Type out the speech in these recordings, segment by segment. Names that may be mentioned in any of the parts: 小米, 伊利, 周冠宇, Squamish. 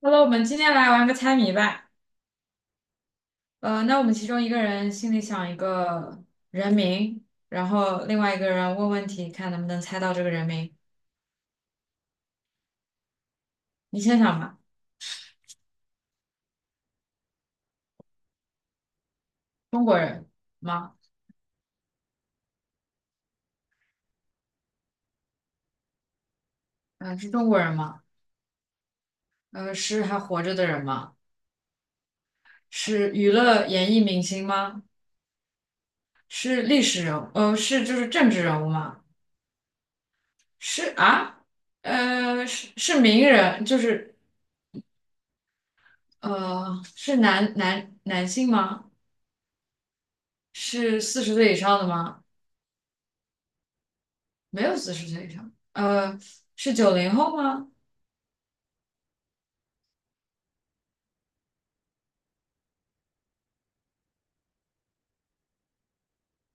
好了，我们今天来玩个猜谜吧。那我们其中一个人心里想一个人名，然后另外一个人问问题，看能不能猜到这个人名。你先想吧，中国人吗？嗯、是中国人吗？是还活着的人吗？是娱乐演艺明星吗？是历史人物？是就是政治人物吗？是啊，是名人，就是是男性吗？是四十岁以上的吗？没有四十岁以上，是九零后吗？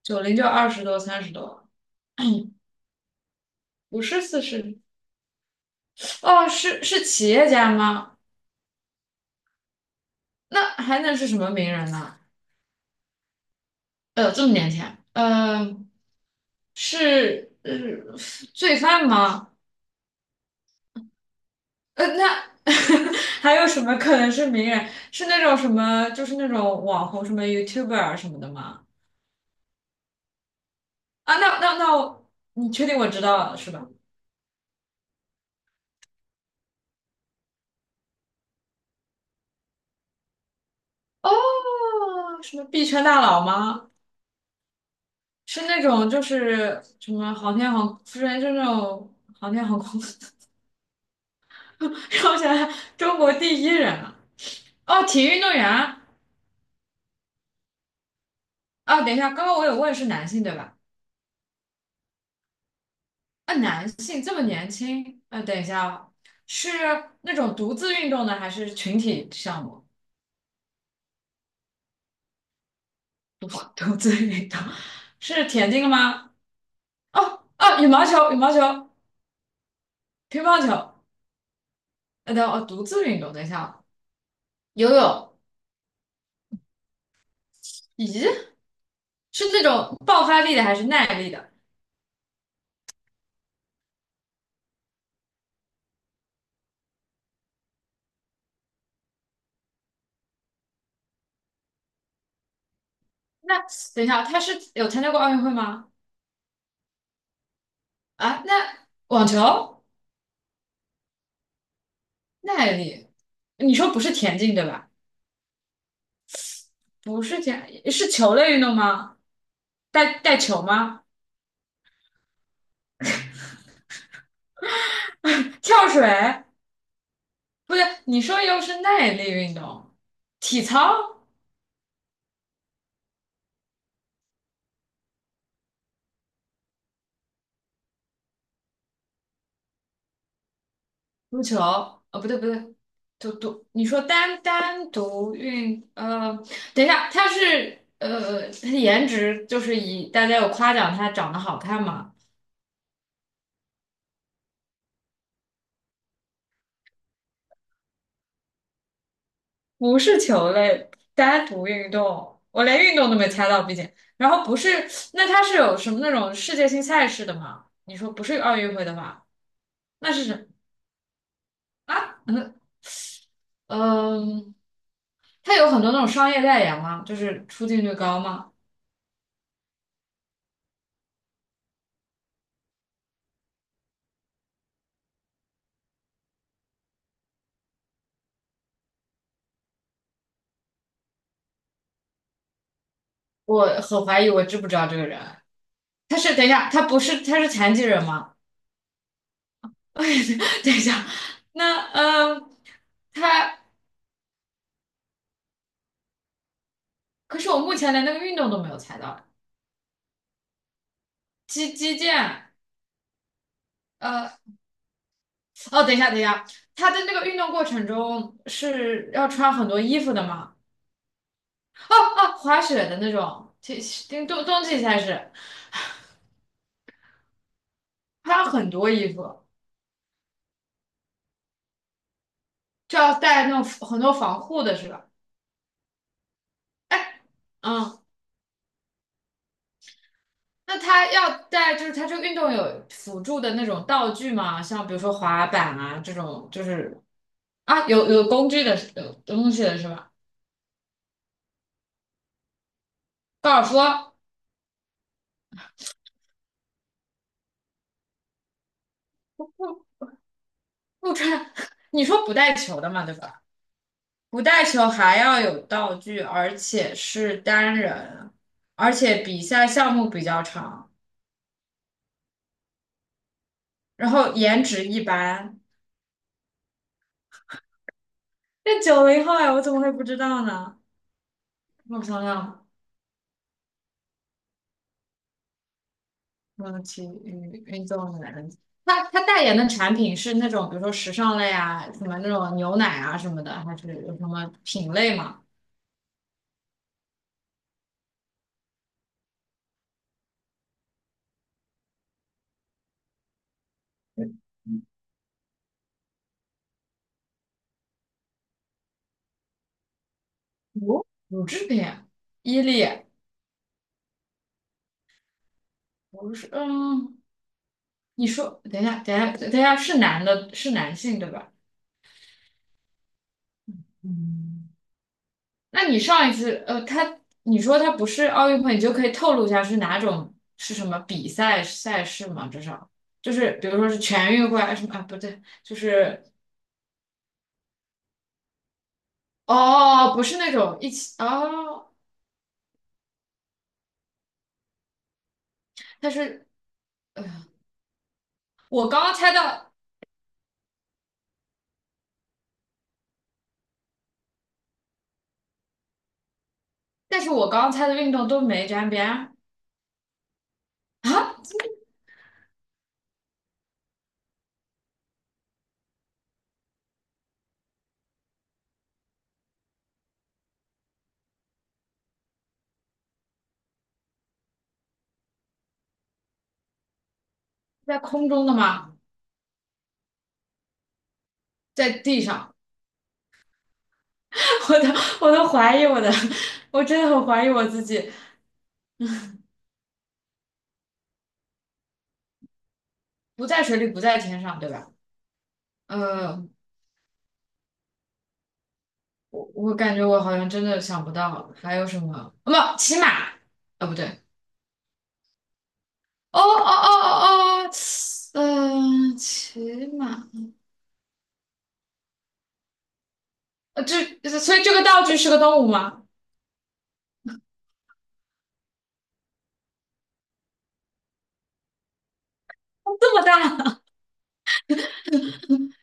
九零就20多、30多了 不是40。哦，是企业家吗？那还能是什么名人呢？这么年轻啊是罪犯吗？那 还有什么可能是名人？是那种什么，就是那种网红，什么 YouTuber 啊什么的吗？啊，那我，你确定我知道了是吧？哦，什么币圈大佬吗？是那种就是什么航天航，不是就那种航天航空，让我想想，中国第一人啊，哦，体育运动员啊，哦等一下，刚刚我有问是男性对吧？啊，男性这么年轻，啊，等一下哦，是那种独自运动的还是群体项目？独 独自运动是田径吗？哦哦，羽毛球、乒乓球，等哦，独自运动，等一下哦游泳，咦，是那种爆发力的还是耐力的？那等一下，他是有参加过奥运会吗？啊，那网球，耐力，你说不是田径对吧？不是田，是球类运动吗？带球吗？跳水？不对，你说又是耐力运动，体操、足球？哦，不对不对，你说单独运，等一下，他的颜值就是以大家有夸奖他长得好看吗？不是球类，单独运动，我连运动都没猜到，毕竟。然后不是，那他是有什么那种世界性赛事的吗？你说不是奥运会的话，那是什么啊？嗯嗯，它有很多那种商业代言吗？就是出镜率高吗？我很怀疑，我知不知道这个人？等一下，他不是他是残疾人吗？等一下，那他可是我目前连那个运动都没有猜到，击剑。呃哦，等一下，等一下，他的那个运动过程中是要穿很多衣服的吗？哦哦，滑雪的那种，其实冬季赛事穿很多衣服，就要带那种很多防护的是吧？哎，嗯，那他要带就是他这个运动有辅助的那种道具吗？像比如说滑板啊这种，就是啊有工具的是有东西的是吧？高尔夫不穿，你说不带球的嘛，对吧？不带球还要有道具，而且是单人，而且比赛项目比较长，然后颜值一般。那九零后哎，我怎么会不知道呢？我想想，嗯，体育运动员，他代言的产品是那种，比如说时尚类啊，什么那种牛奶啊什么的，还是有什么品类吗？乳制品，伊利，不是，嗯，你说，等一下，等一下，等一下，是男的，是男性对吧？嗯。那你上一次，你说他不是奥运会，你就可以透露一下是哪种是什么比赛赛事吗？至少就是比如说是全运会还是什么啊？不对，就是哦，不是那种一起哦，它是呃，我刚刚猜到，但是我刚刚猜的运动都没沾边儿啊，在空中的吗？在地上，我都怀疑我的，我真的很怀疑我自己，不在水里，不在天上，对吧？嗯。我感觉我好像真的想不到还有什么，哦，不，骑马，哦，不对，哦哦哦哦哦，骑马，呃，这所以这个道具是个动物吗？这么大，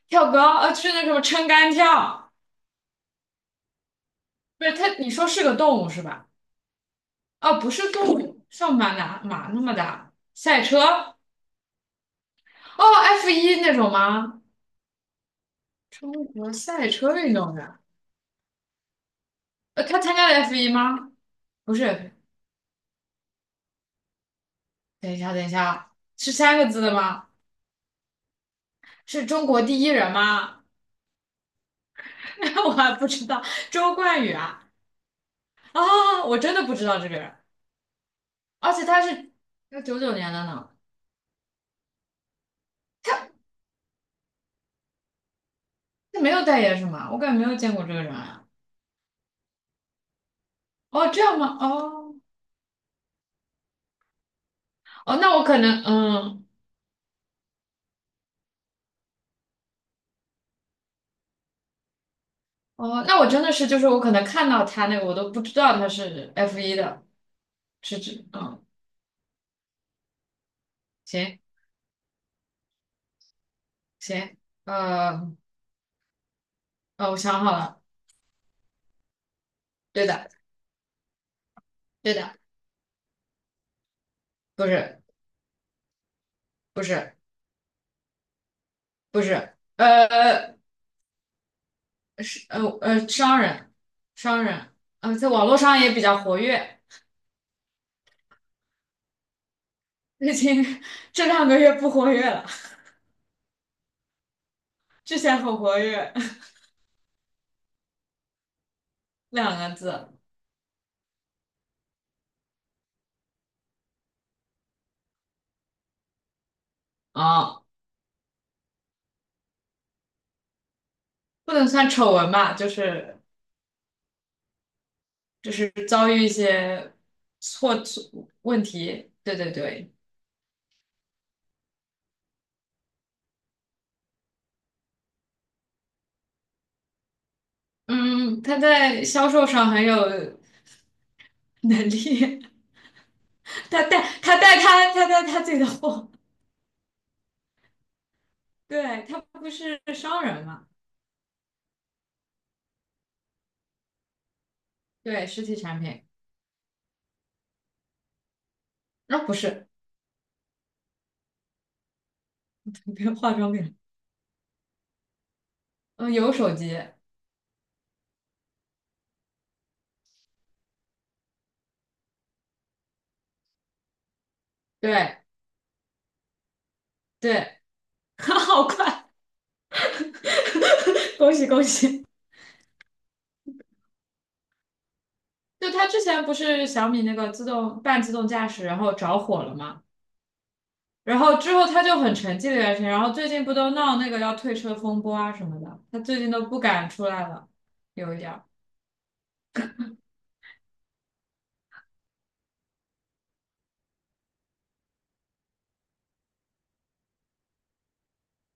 跳高，是那什么撑杆跳，不是它，你说是个动物是吧？哦，不是动物，像马那么大，赛车，哦，F 一那种吗？中国赛车运动员，他参加了 F 一吗？不是，等一下，等一下啊，是三个字的吗？是中国第一人吗？我还不知道，周冠宇啊啊，我真的不知道这个人，而且他99年的呢，他没有代言是吗？我感觉没有见过这个人啊。哦，这样吗？哦哦，那我可能哦，那我真的是就是我可能看到他那个我都不知道他是 F 一的，是指行行呃我想好了，对的对的，不是不是不是是商人，商人，在网络上也比较活跃，最近 这2个月不活跃了，之前很活跃，两个字啊、哦不能算丑闻吧，就是遭遇一些错错问题，对对对，嗯，他在销售上很有能力，他自己的货，对，他不是商人嘛，对，实体产品，那、不是，别化妆品。嗯，有手机，对对，好快，恭喜恭喜！就他之前不是小米那个半自动驾驶，然后着火了嘛，然后之后他就很沉寂的一段时间，然后最近不都闹那个要退车风波啊什么的，他最近都不敢出来了，有一点儿，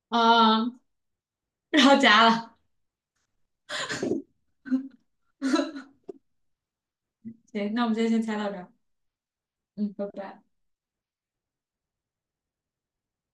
啊、然后夹了。行，那我们今天先猜到这儿，嗯，拜拜。